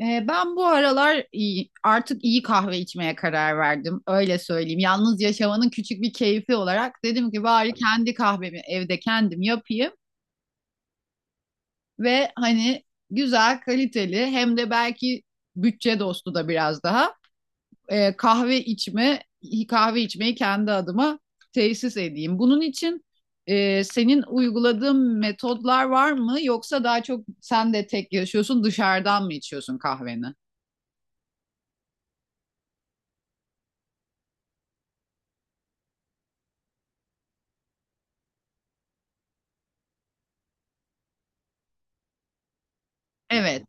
Ben bu aralar iyi, artık iyi kahve içmeye karar verdim. Öyle söyleyeyim. Yalnız yaşamanın küçük bir keyfi olarak dedim ki bari kendi kahvemi evde kendim yapayım ve hani güzel, kaliteli hem de belki bütçe dostu da biraz daha e, kahve içme kahve içmeyi kendi adıma tesis edeyim. Bunun için senin uyguladığın metodlar var mı? Yoksa daha çok sen de tek yaşıyorsun, dışarıdan mı içiyorsun kahveni? Evet.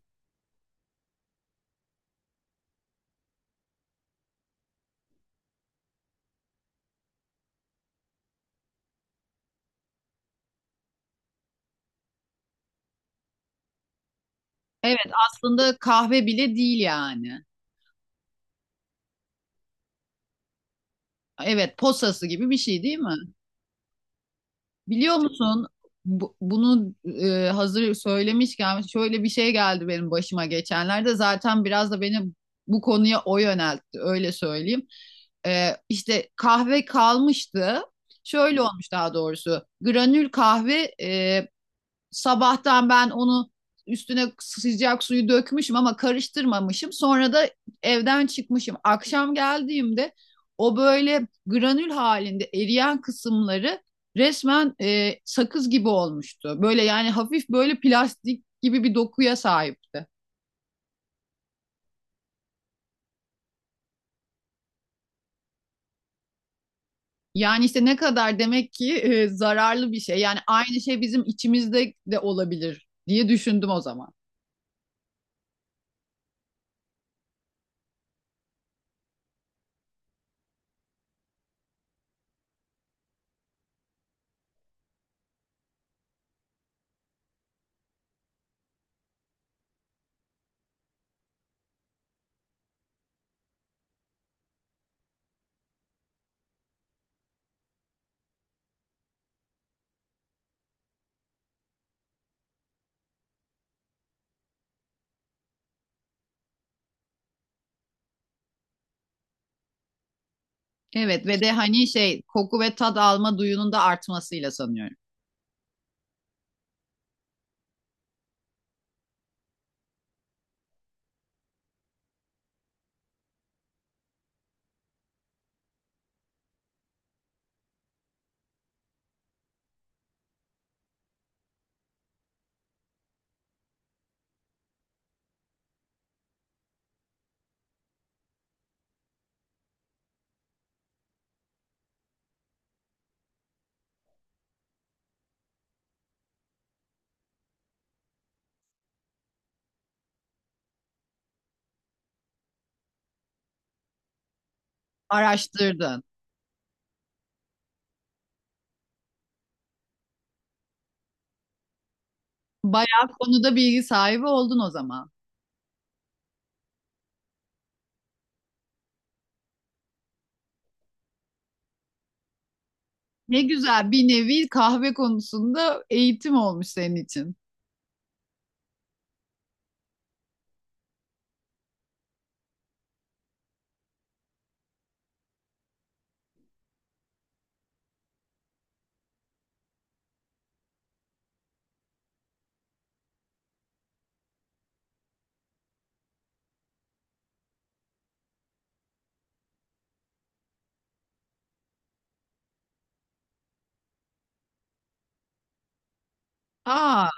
Evet aslında kahve bile değil yani. Evet, posası gibi bir şey değil mi? Biliyor musun bunu hazır söylemişken şöyle bir şey geldi benim başıma geçenlerde. Zaten biraz da beni bu konuya o yöneltti, öyle söyleyeyim. E, işte kahve kalmıştı. Şöyle olmuş daha doğrusu. Granül kahve sabahtan ben onu üstüne sıcak suyu dökmüşüm ama karıştırmamışım. Sonra da evden çıkmışım. Akşam geldiğimde o böyle granül halinde eriyen kısımları resmen sakız gibi olmuştu. Böyle yani hafif böyle plastik gibi bir dokuya sahipti. Yani işte ne kadar demek ki zararlı bir şey. Yani aynı şey bizim içimizde de olabilir diye düşündüm o zaman. Evet, ve de hani şey koku ve tad alma duyunun da artmasıyla sanıyorum. Araştırdın. Bayağı konuda bilgi sahibi oldun o zaman. Ne güzel, bir nevi kahve konusunda eğitim olmuş senin için. Aa,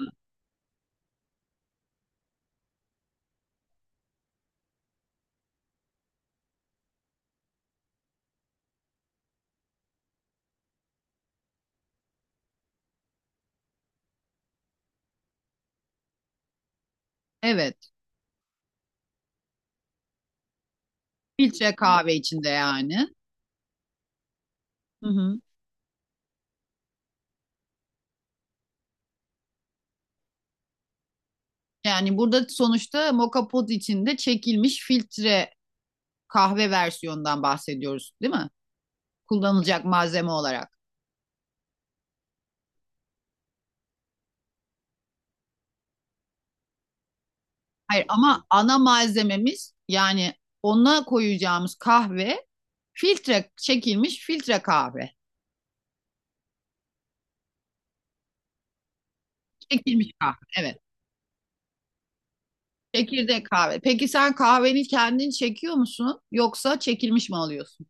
evet. Filtre kahve içinde yani. Hı hı. Yani burada sonuçta moka pot içinde çekilmiş filtre kahve versiyonundan bahsediyoruz, değil mi? Kullanılacak malzeme olarak. Hayır ama ana malzememiz, yani ona koyacağımız kahve, filtre çekilmiş filtre kahve. Çekilmiş kahve. Evet. Çekirdek kahve. Peki sen kahveni kendin çekiyor musun? Yoksa çekilmiş mi alıyorsun?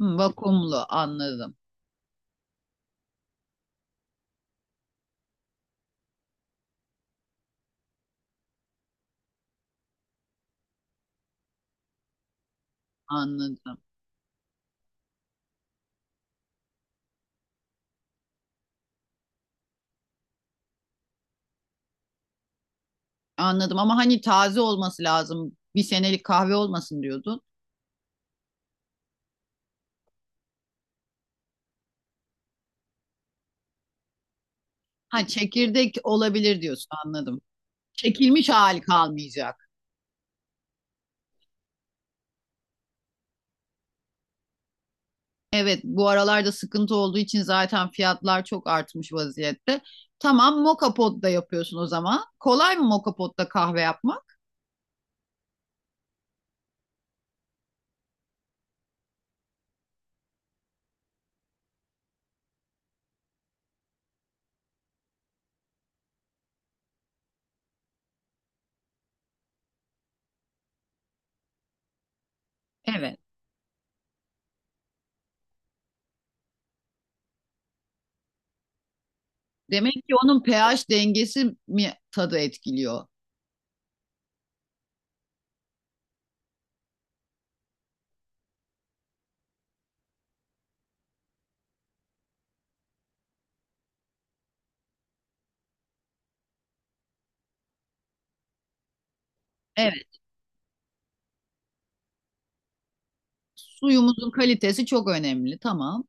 Hı, vakumlu, anladım. Anladım. Anladım ama hani taze olması lazım. Bir senelik kahve olmasın diyordun. Ha, çekirdek olabilir diyorsun, anladım. Çekilmiş hali kalmayacak. Evet, bu aralarda sıkıntı olduğu için zaten fiyatlar çok artmış vaziyette. Tamam, moka potta yapıyorsun o zaman. Kolay mı moka potta kahve yapmak? Evet. Demek ki onun pH dengesi mi tadı etkiliyor? Evet, suyumuzun kalitesi çok önemli. Tamam.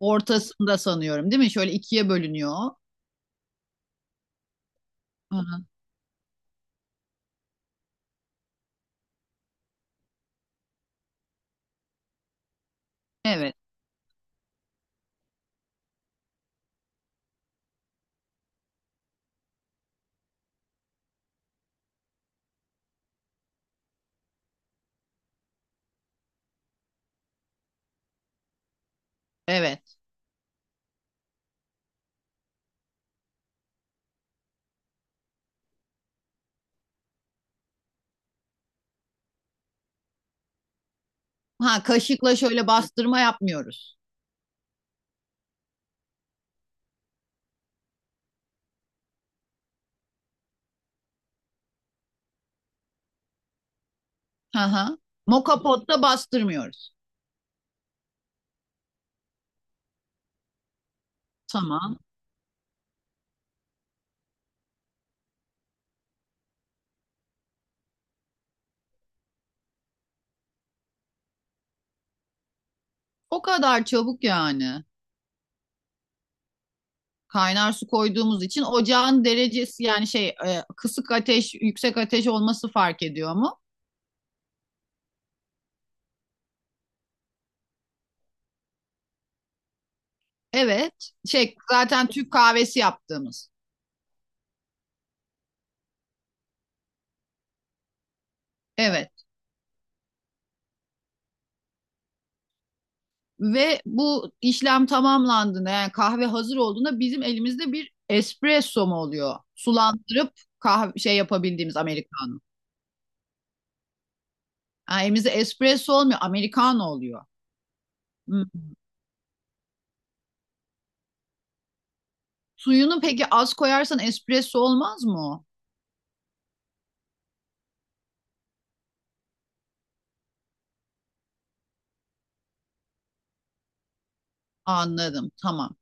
Ortasında sanıyorum, değil mi? Şöyle ikiye bölünüyor. Hı hı. Evet, evet. Ha, kaşıkla şöyle bastırma yapmıyoruz. Hı hı. Moka potta bastırmıyoruz. Tamam. O kadar çabuk yani. Kaynar su koyduğumuz için ocağın derecesi, yani şey kısık ateş, yüksek ateş olması fark ediyor mu? Evet. Şey zaten Türk kahvesi yaptığımız. Evet. Ve bu işlem tamamlandığında, yani kahve hazır olduğunda bizim elimizde bir espresso mu oluyor? Sulandırıp kahve şey yapabildiğimiz americano. Yani elimizde espresso olmuyor, americano oluyor. Hı. Suyunu peki az koyarsan espresso olmaz mı o? Anladım, tamam.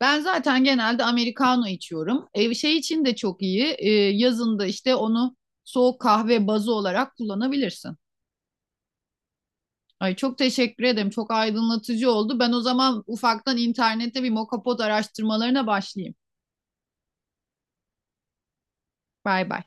Ben zaten genelde americano içiyorum. Ev şey için de çok iyi. Yazın işte onu soğuk kahve bazı olarak kullanabilirsin. Ay, çok teşekkür ederim. Çok aydınlatıcı oldu. Ben o zaman ufaktan internette bir mokapod araştırmalarına başlayayım. Bay bay.